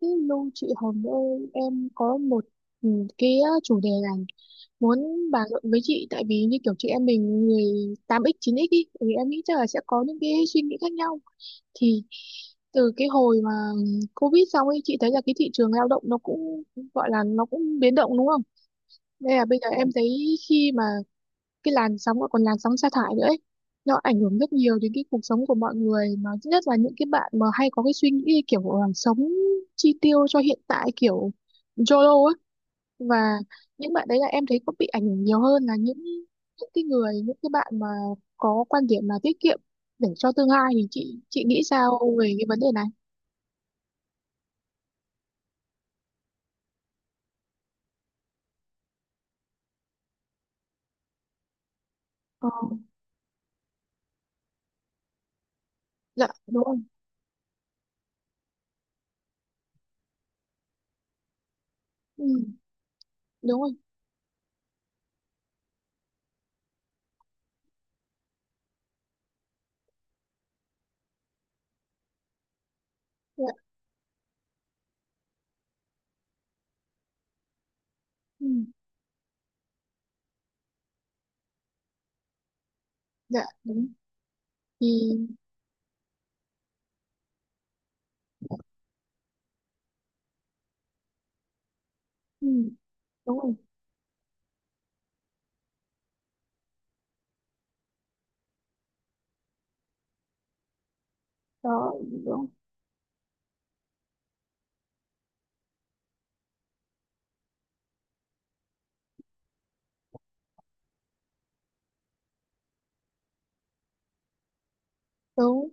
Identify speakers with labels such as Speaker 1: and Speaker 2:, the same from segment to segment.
Speaker 1: Cái Lưu chị Hồng ơi, em có một, ừ, cái chủ đề là muốn bàn luận với chị. Tại vì như kiểu chị em mình người 8x 9x ý, thì em nghĩ chắc là sẽ có những cái suy nghĩ khác nhau. Thì từ cái hồi mà Covid xong ấy, chị thấy là cái thị trường lao động nó cũng gọi là nó cũng biến động đúng không? Đây là bây giờ em thấy khi mà cái làn sóng, và còn làn sóng sa thải nữa ấy. Nó ảnh hưởng rất nhiều đến cái cuộc sống của mọi người, mà nhất là những cái bạn mà hay có cái suy nghĩ kiểu là sống chi tiêu cho hiện tại kiểu YOLO á. Và những bạn đấy là em thấy có bị ảnh hưởng nhiều hơn là những cái người những cái bạn mà có quan điểm là tiết kiệm để cho tương lai. Thì chị nghĩ sao về cái vấn đề này? Ờ, dạ đúng rồi. Ừ, đúng rồi. Dạ, ừ, dạ đúng. Thì ừ, đúng rồi. Đó, đúng. Đúng.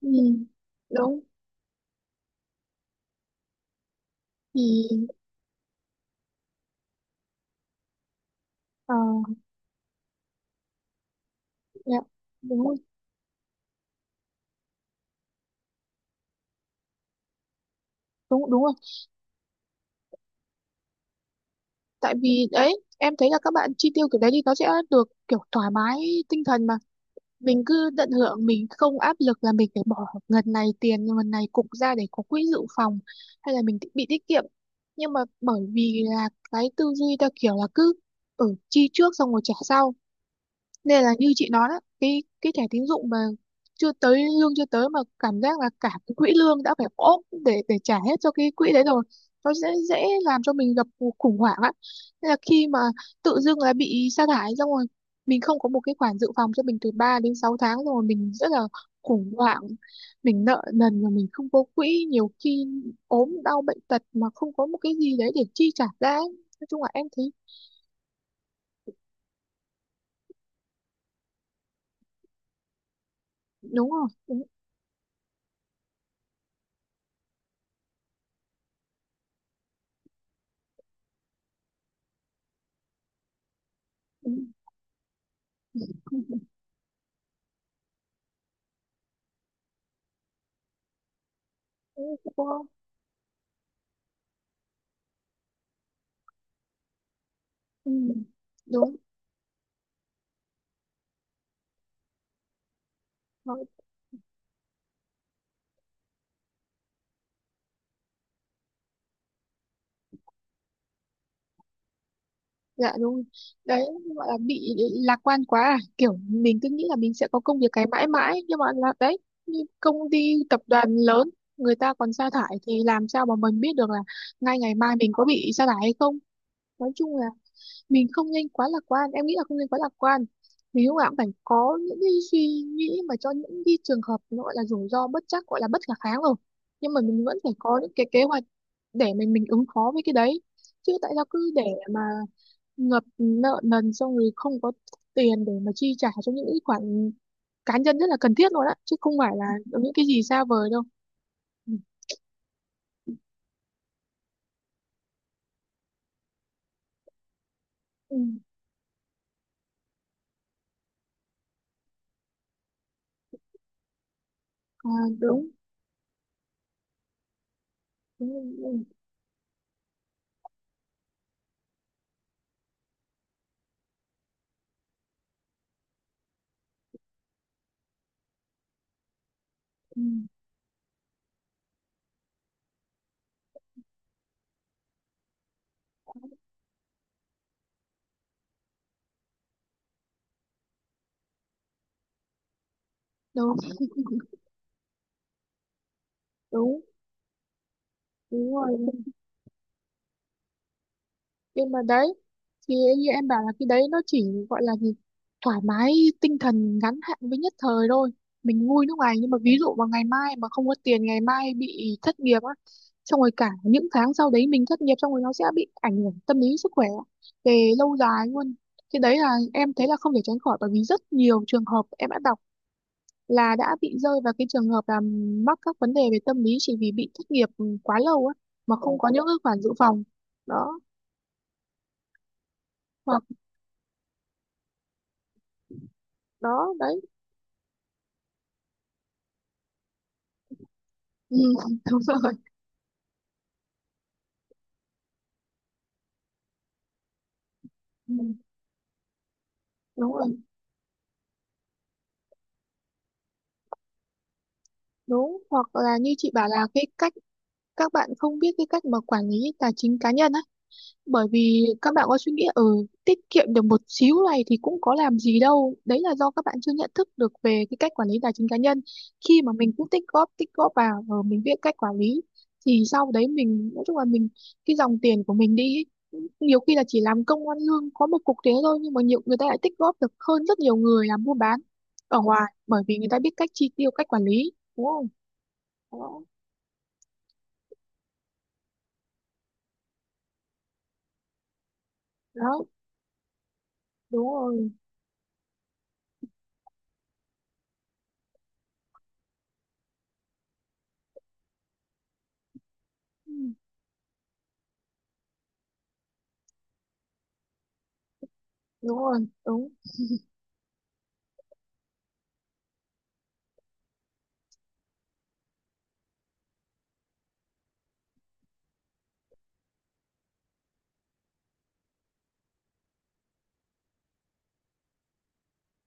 Speaker 1: Ừ, đúng thì ờ, dạ, đúng rồi, đúng, đúng rồi. Tại vì đấy em thấy là các bạn chi tiêu kiểu đấy thì nó sẽ được kiểu thoải mái tinh thần, mà mình cứ tận hưởng, mình không áp lực là mình phải bỏ ngần này tiền ngần này cục ra để có quỹ dự phòng hay là mình ti- bị tiết kiệm. Nhưng mà bởi vì là cái tư duy ta kiểu là cứ ở chi trước xong rồi trả sau, nên là như chị nói đó, cái thẻ tín dụng mà chưa tới lương, chưa tới mà cảm giác là cả cái quỹ lương đã phải ốp để trả hết cho cái quỹ đấy rồi. Nó sẽ dễ làm cho mình gặp cuộc khủng hoảng á. Nên là khi mà tự dưng là bị sa thải xong rồi, mình không có một cái khoản dự phòng cho mình từ 3 đến 6 tháng, xong rồi mình rất là khủng hoảng, mình nợ nần mà mình không có quỹ, nhiều khi ốm đau bệnh tật mà không có một cái gì đấy để chi trả ra ấy. Nói chung là em thấy đúng rồi, đúng, đúng, đúng, đúng, đúng, đúng, ừ, đúng. Thôi, dạ đúng rồi. Đấy, gọi là bị lạc quan quá à, kiểu mình cứ nghĩ là mình sẽ có công việc cái mãi mãi, nhưng mà là đấy, như công ty tập đoàn lớn người ta còn sa thải, thì làm sao mà mình biết được là ngay ngày mai mình có bị sa thải hay không. Nói chung là mình không nên quá lạc quan, em nghĩ là không nên quá lạc quan. Mình lúc nào cũng phải có những cái suy nghĩ mà cho những cái trường hợp nó gọi là rủi ro bất trắc, gọi là bất khả kháng rồi, nhưng mà mình vẫn phải có những cái kế hoạch để mình ứng phó với cái đấy. Chứ tại sao cứ để mà ngập nợ nần xong rồi không có tiền để mà chi trả cho những cái khoản cá nhân rất là cần thiết luôn á, chứ không phải là những cái gì xa vời đâu. Ừ. Ừ. À, đúng, đúng, đúng, đúng. Đúng, đúng, đúng rồi. Nhưng mà đấy, thì như em bảo là cái đấy nó chỉ gọi là gì, thoải mái tinh thần ngắn hạn với nhất thời thôi. Mình vui lúc này nhưng mà ví dụ vào ngày mai mà không có tiền, ngày mai bị thất nghiệp á, xong rồi cả những tháng sau đấy mình thất nghiệp, xong rồi nó sẽ bị ảnh hưởng tâm lý sức khỏe về lâu dài luôn. Cái đấy là em thấy là không thể tránh khỏi, bởi vì rất nhiều trường hợp em đã đọc là đã bị rơi vào cái trường hợp là mắc các vấn đề về tâm lý chỉ vì bị thất nghiệp, ừ, quá lâu á, mà không có những cái khoản dự phòng đó. Hoặc đó đấy. Ừ. Ừ, đúng rồi, đúng. Hoặc là như chị bảo là cái cách các bạn không biết cái cách mà quản lý tài chính cá nhân á. Bởi vì các bạn có suy nghĩ ở tiết kiệm được một xíu này thì cũng có làm gì đâu, đấy là do các bạn chưa nhận thức được về cái cách quản lý tài chính cá nhân. Khi mà mình cũng tích góp vào rồi mình biết cách quản lý, thì sau đấy mình nói chung là mình, cái dòng tiền của mình đi ý, nhiều khi là chỉ làm công ăn lương có một cục thế thôi, nhưng mà nhiều người ta lại tích góp được hơn rất nhiều người làm buôn bán ở ngoài, bởi vì người ta biết cách chi tiêu, cách quản lý, đúng không? Đó, đó, đúng rồi. Ừ, đúng rồi, đúng.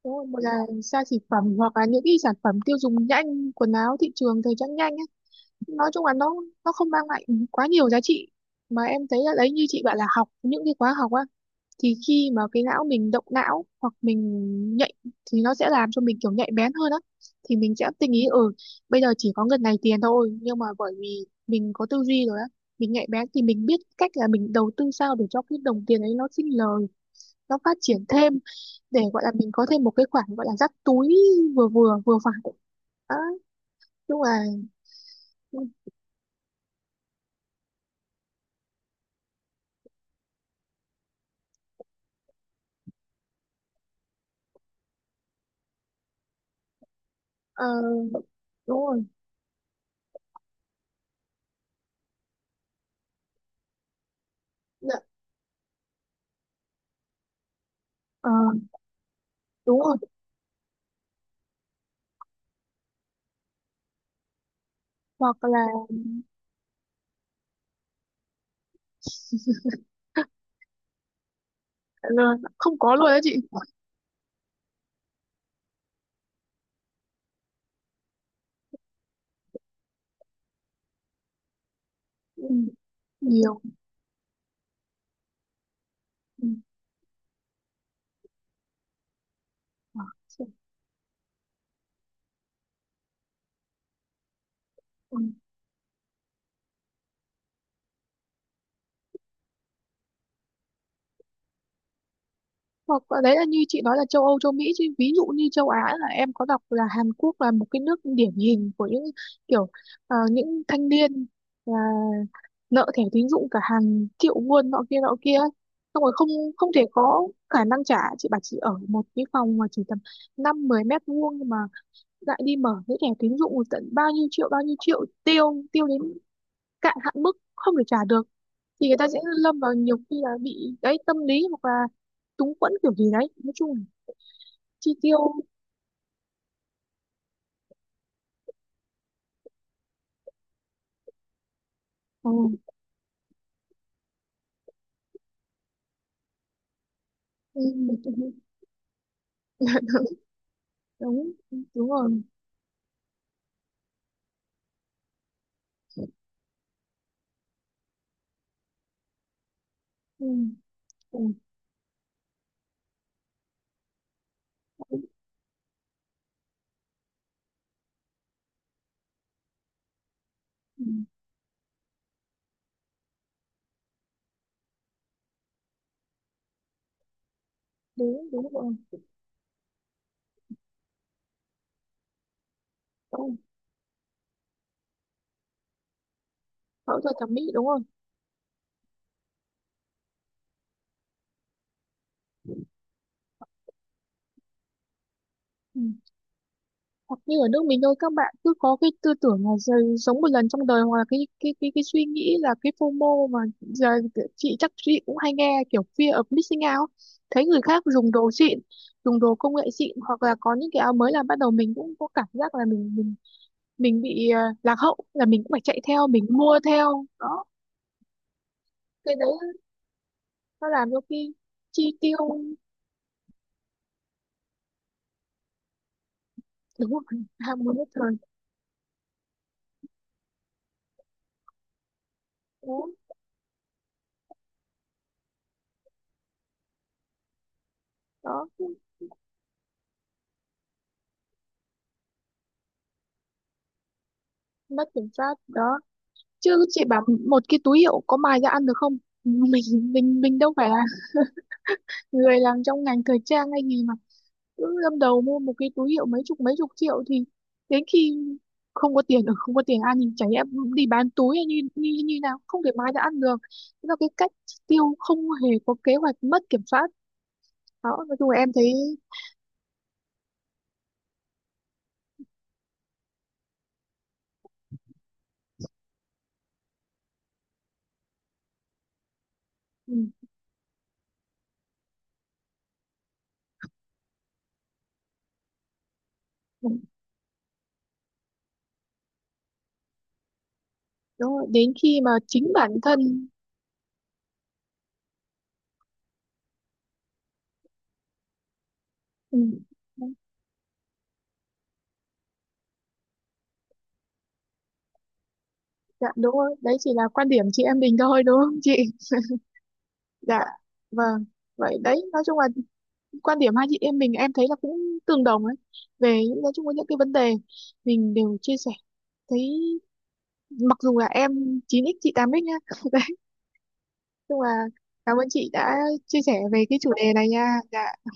Speaker 1: Đúng rồi, một là xa xỉ phẩm hoặc là những cái sản phẩm tiêu dùng nhanh, quần áo thị trường thời trang nhanh ấy. Nói chung là nó không mang lại quá nhiều giá trị, mà em thấy là đấy như chị bảo là học những cái khóa học á, thì khi mà cái não mình động não hoặc mình nhạy, thì nó sẽ làm cho mình kiểu nhạy bén hơn á, thì mình sẽ tinh ý. Ừ, bây giờ chỉ có ngần này tiền thôi, nhưng mà bởi vì mình có tư duy rồi á, mình nhạy bén thì mình biết cách là mình đầu tư sao để cho cái đồng tiền ấy nó sinh lời, nó phát triển thêm, để gọi là mình có thêm một cái khoản gọi là dắt túi vừa vừa vừa phải. Đó, đúng là ờ, đúng rồi. Dạ, ờ, đúng rồi. Hoặc là không có luôn đó chị. Ừ, nhiều. Ừ. Ừ. Hoặc là đấy, là như chị nói là châu Âu châu Mỹ, chứ ví dụ như châu Á là em có đọc là Hàn Quốc là một cái nước điển hình của những kiểu những thanh niên là nợ thẻ tín dụng cả hàng triệu won nọ kia ấy. Xong rồi không, không thể có khả năng trả. Chị bảo chị ở một cái phòng mà chỉ tầm năm mười mét vuông, nhưng mà lại đi mở cái thẻ tín dụng tận bao nhiêu triệu bao nhiêu triệu, tiêu tiêu đến cạn hạn mức không thể trả được, thì người ta sẽ lâm vào nhiều khi là bị đấy tâm lý hoặc là túng quẫn kiểu gì đấy. Nói chung là chi tiêu. Ừ. Ừ. Ừ, đúng, đúng rồi. Ừ. Ừ. Ừ. Đúng, đúng rồi. Ừ. Phẫu thuật thẩm mỹ, đúng rồi. Ừ. Hoặc như ở nước mình thôi, các bạn cứ có cái tư tưởng là giờ- sống một lần trong đời, hoặc là cái suy nghĩ là cái FOMO mà giờ chị chắc chị cũng hay nghe, kiểu fear of missing out, thấy người khác dùng đồ xịn, dùng đồ công nghệ xịn, hoặc là có những cái áo mới là bắt đầu mình cũng có cảm giác là mình mình bị lạc hậu, là mình cũng phải chạy theo, mình mua theo đó. Cái đấy nó làm cho khi chi tiêu, đúng rồi, ham muốn nhất thời. Đó, đó, mất kiểm soát đó. Chứ chị bảo, một cái túi hiệu có mài ra ăn được không? Mình mình mình đâu phải là người làm trong ngành thời trang hay gì mà cứ lâm đầu mua một cái túi hiệu mấy chục triệu. Thì đến khi không có tiền ở, không có tiền ăn, thì chả lẽ đi bán túi hay như như như nào, không thể mài ra ăn được. Thế là cái cách tiêu không hề có kế hoạch, mất kiểm soát đó. Nói chung là em thấy ừ, ừ, đúng rồi. Đến khi mà chính bản thân ừ, dạ đúng rồi. Đấy chỉ là quan điểm chị em mình thôi đúng không chị? Dạ, vâng. Vậy đấy, nói chung là quan điểm hai chị em mình em thấy là cũng tương đồng ấy. Về những, nói chung với những cái vấn đề mình đều chia sẻ. Thấy mặc dù là em chín x chị tám x nhá. Đấy, nhưng mà cảm ơn chị đã chia sẻ về cái chủ đề này nha. Dạ.